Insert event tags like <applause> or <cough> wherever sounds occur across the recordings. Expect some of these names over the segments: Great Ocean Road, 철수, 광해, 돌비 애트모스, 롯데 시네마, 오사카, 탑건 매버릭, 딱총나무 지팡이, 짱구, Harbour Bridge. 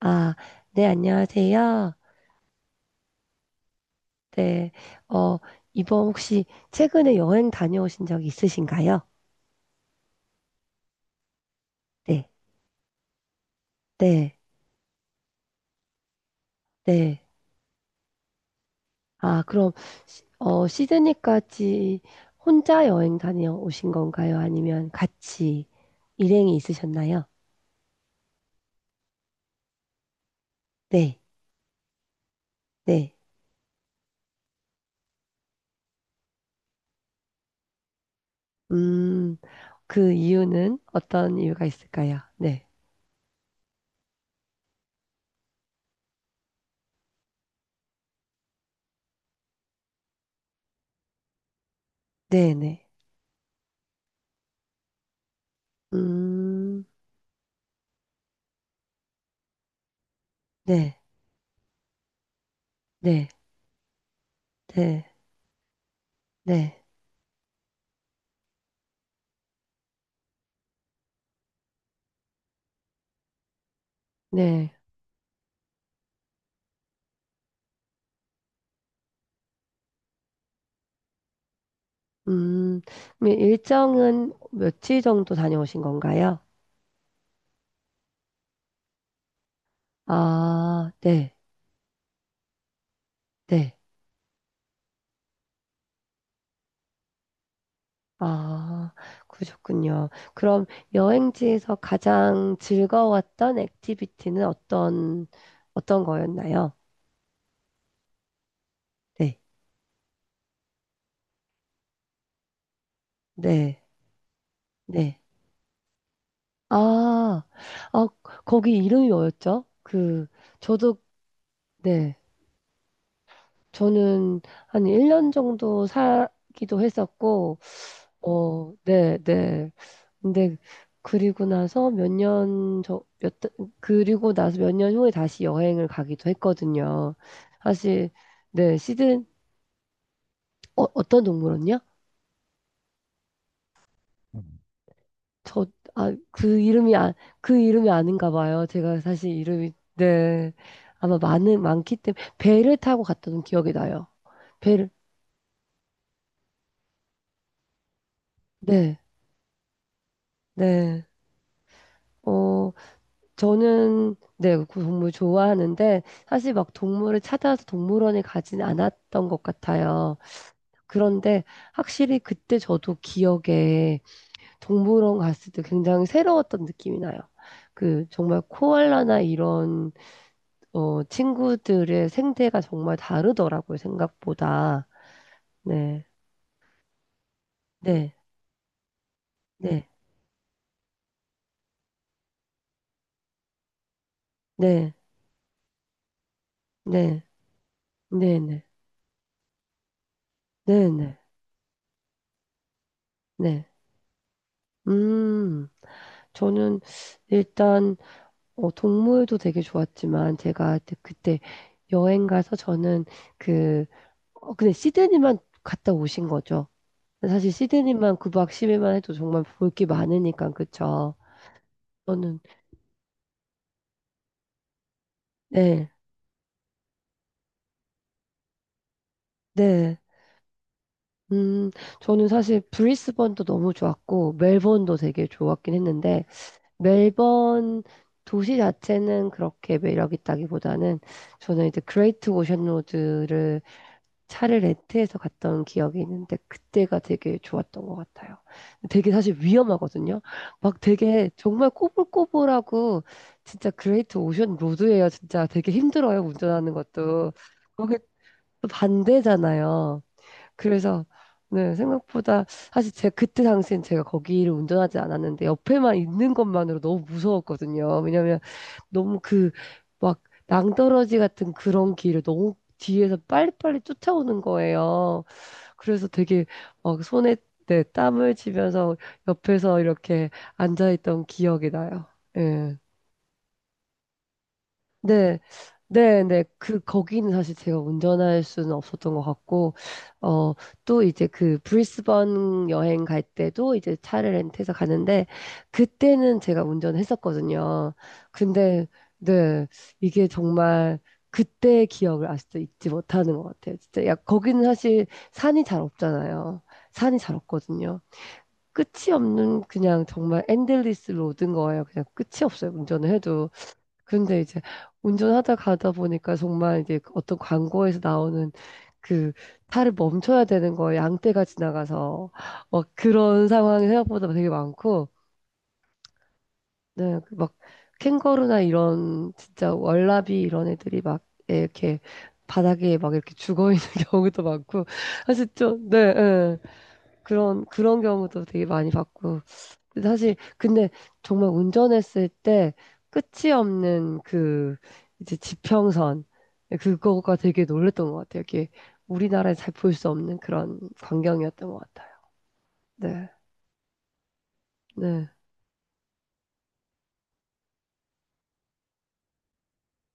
아, 네, 안녕하세요. 네, 어, 이번 혹시 최근에 여행 다녀오신 적 있으신가요? 네, 네, 네. 아, 그럼, 시드니까지 혼자 여행 다녀오신 건가요? 아니면 같이 일행이 있으셨나요? 네, 네. 음, 그 이유는 어떤 이유가 있을까요? 네, 네, 네. 음, 네, 네, 네, 네, 네. 음, 그럼 일정은 며칠 정도 다녀오신 건가요? 아, 네, 네. 아, 그러셨군요. 그럼 여행지에서 가장 즐거웠던 액티비티는 어떤 거였나요? 네, 네, 네. 아, 아, 거기 이름이 뭐였죠? 그, 저도, 네. 저는 한 1년 정도 살기도 했었고, 어, 네, 네. 근데 그리고 나서 몇 년 저, 몇, 그리고 나서 몇 년 후에 다시 여행을 가기도 했거든요. 사실, 네, 어떤 동물원이요? 저, 그 이름이, 아, 그 이름이 아닌가 봐요. 제가 사실 이름이, 네. 아마 많기 때문에, 배를 타고 갔던 기억이 나요. 배를, 네, 네. 어, 저는 네, 그 동물 좋아하는데 사실 막 동물을 찾아서 동물원에 가진 않았던 것 같아요. 그런데 확실히 그때 저도 기억에 동물원 갔을 때 굉장히 새로웠던 느낌이 나요. 그 정말 코알라나 이런 친구들의 생태가 정말 다르더라고요, 생각보다. 네. 네. 네. 네. 네. 네. 네. 네. 네. 네. 음. 저는 일단 동물도 되게 좋았지만 제가 그때 여행 가서 저는 그, 근데 시드니만 갔다 오신 거죠. 사실 시드니만 9박 10일만 해도 정말 볼 게 많으니까, 그쵸? 저는, 네, 네. 음, 저는 사실 브리스번도 너무 좋았고, 멜번도 되게 좋았긴 했는데, 멜번 도시 자체는 그렇게 매력 있다기보다는 저는 이제 그레이트 오션 로드를 차를 렌트해서 갔던 기억이 있는데 그때가 되게 좋았던 것 같아요. 되게 사실 위험하거든요. 막 되게 정말 꼬불꼬불하고 진짜 그레이트 오션 로드예요. 진짜 되게 힘들어요. 운전하는 것도. 거기 또 반대잖아요. 그래서 네, 생각보다 사실 제가 그때 당시엔 제가 거기를 운전하지 않았는데 옆에만 있는 것만으로 너무 무서웠거든요. 왜냐면 너무 그 막 낭떠러지 같은 그런 길을 너무 뒤에서 빨리빨리 쫓아오는 거예요. 그래서 되게 막 손에 네, 땀을 쥐면서 옆에서 이렇게 앉아있던 기억이 나요. 예. 네, 네, 네. 그, 거기는 사실 제가 운전할 수는 없었던 것 같고, 어, 또 이제 그 브리스번 여행 갈 때도 이제 차를 렌트해서 가는데, 그때는 제가 운전했었거든요. 근데, 네, 이게 정말 그때의 기억을 아직도 잊지 못하는 것 같아요. 진짜, 야, 거기는 사실 산이 잘 없잖아요. 산이 잘 없거든요. 끝이 없는 그냥 정말 엔들리스 로드인 거예요. 그냥 끝이 없어요. 운전을 해도. 근데 이제 운전하다 가다 보니까 정말 이제 그 어떤 광고에서 나오는 그 차를 멈춰야 되는 거 양떼가 지나가서 막 그런 상황이 생각보다 되게 많고 네, 그막 캥거루나 이런 진짜 월라비 이런 애들이 막 이렇게 바닥에 막 이렇게 죽어 있는 <laughs> 경우도 많고 사실 좀 네, 네. 그런 경우도 되게 많이 봤고 근데 사실 근데 정말 운전했을 때 끝이 없는 그 이제 지평선 그거가 되게 놀랬던 것 같아요. 이게 우리나라에 잘 볼 수 없는 그런 광경이었던 것 같아요. 네, 네,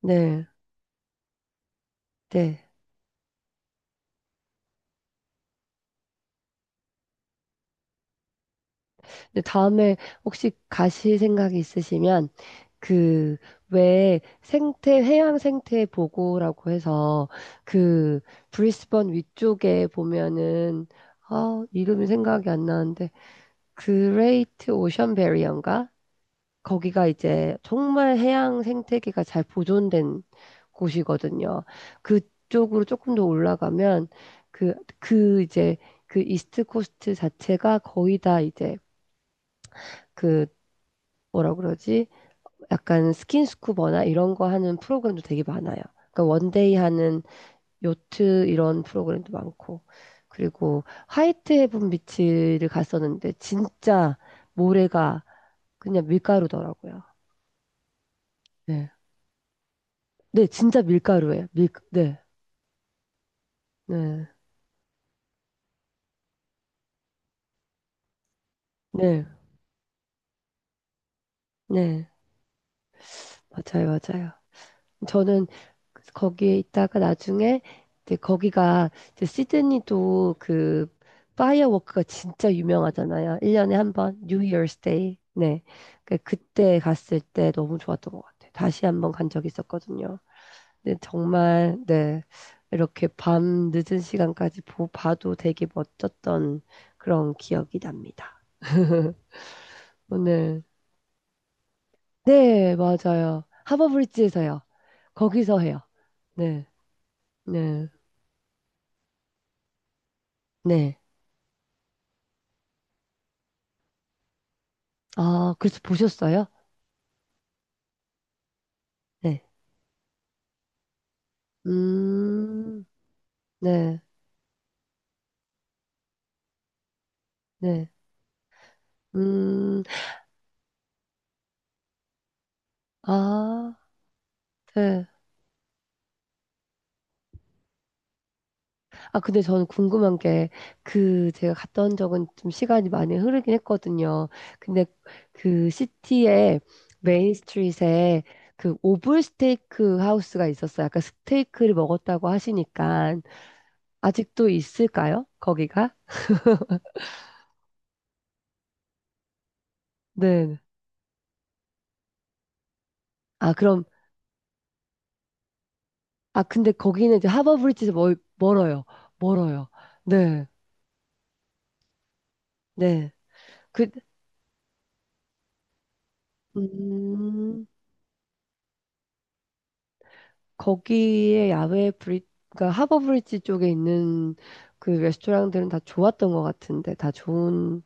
네, 네. 근데 다음에 혹시 가실 생각이 있으시면 그 왜 생태 해양 생태 보고라고 해서 그 브리스번 위쪽에 보면은 아 이름이 생각이 안 나는데 그레이트 오션 베리어인가? 거기가 이제 정말 해양 생태계가 잘 보존된 곳이거든요. 그쪽으로 조금 더 올라가면 그 이제 그 이스트 코스트 자체가 거의 다 이제 그 뭐라 그러지? 약간 스킨스쿠버나 이런 거 하는 프로그램도 되게 많아요. 그러니까 원데이 하는 요트 이런 프로그램도 많고. 그리고 화이트 헤븐 비치를 갔었는데 진짜 모래가 그냥 밀가루더라고요. 네. 네, 진짜 밀가루예요. 네, 네, 네, 네, 맞아요, 맞아요. 저는 그래서 거기에 있다가 나중에 이제 거기가 이제 시드니도 그 파이어워크가 진짜 유명하잖아요. 1년에 한 번, 뉴 이어스 데이. 네. 그때 갔을 때 너무 좋았던 것 같아요. 다시 한번 간 적이 있었거든요. 네, 정말, 네, 이렇게 밤 늦은 시간까지 봐도 되게 멋졌던 그런 기억이 납니다. <laughs> 오늘, 네, 맞아요. 하버브릿지에서요. 거기서 해요. 네, 네, 네. 아, 그래서 보셨어요? 네. 음, 네, 네. 음, 아, 네. 아, 근데 저는 궁금한 게, 그, 제가 갔다 온 적은 좀 시간이 많이 흐르긴 했거든요. 근데 그 시티의 메인 스트릿에 그 오블 스테이크 하우스가 있었어요. 아까 스테이크를 먹었다고 하시니까. 아직도 있을까요? 거기가? 네. 아, 그럼, 아, 근데 거기는 이제 하버브릿지에서 멀어요. 멀어요. 네. 네. 그, 음, 거기에 그러니까 하버 브릿지 쪽에 있는 그 레스토랑들은 다 좋았던 것 같은데, 다 좋은,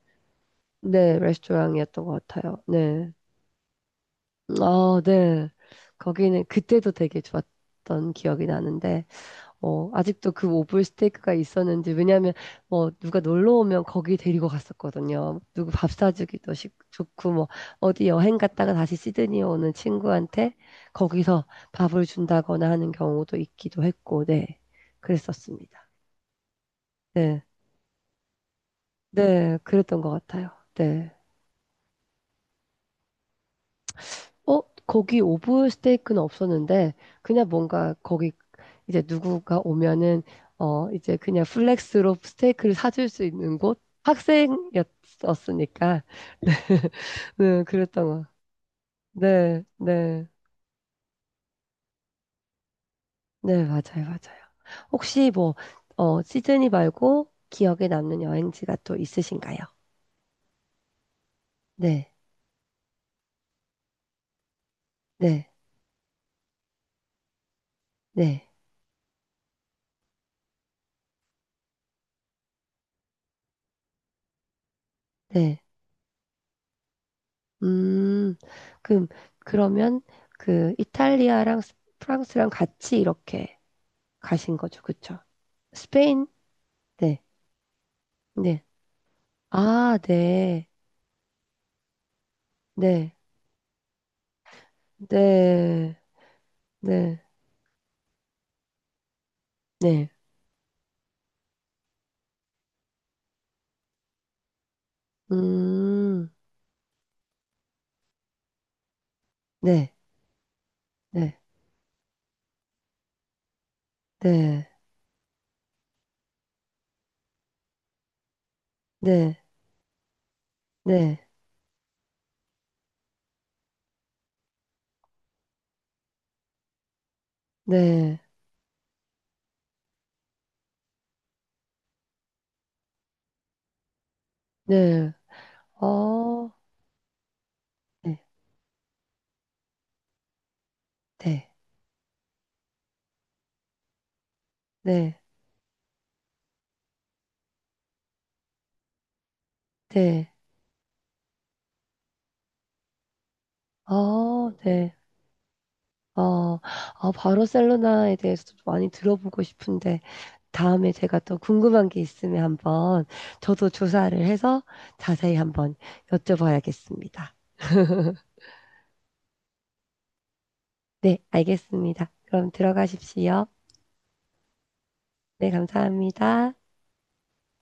네, 레스토랑이었던 것 같아요. 네. 아, 네. 거기는 그때도 되게 좋았던 기억이 나는데, 어, 아직도 그 오불 스테이크가 있었는지, 왜냐면, 뭐, 누가 놀러 오면 거기 데리고 갔었거든요. 누구 밥 사주기도 좋고, 뭐, 어디 여행 갔다가 다시 시드니 오는 친구한테 거기서 밥을 준다거나 하는 경우도 있기도 했고, 네. 그랬었습니다. 네. 네. 그랬던 것 같아요. 네. 어, 거기 오브 스테이크는 없었는데, 그냥 뭔가 거기 이제 누구가 오면은, 이제 그냥 플렉스로 스테이크를 사줄 수 있는 곳? 학생이었으니까. <laughs> 네, 그랬던 거. 네, 네, 네, 맞아요, 맞아요. 혹시 뭐, 시드니 말고 기억에 남는 여행지가 또 있으신가요? 네, 네, 네, 네. 음, 그럼, 그러면 그 이탈리아랑 스- 프랑스랑 같이 이렇게 가신 거죠. 그쵸? 스페인? 네. 네. 아, 네. 네. 네. 네. 네. 음. 네. 네. 네. 네. 네. 네. 네. 어. 네. 네. 네. 네. 어. 네. 어. 아, 바르셀로나에 대해서 좀 많이 들어보고 싶은데 다음에 제가 또 궁금한 게 있으면 한번 저도 조사를 해서 자세히 한번 여쭤봐야겠습니다. 네, 알겠습니다. 그럼 들어가십시오. 네, 감사합니다.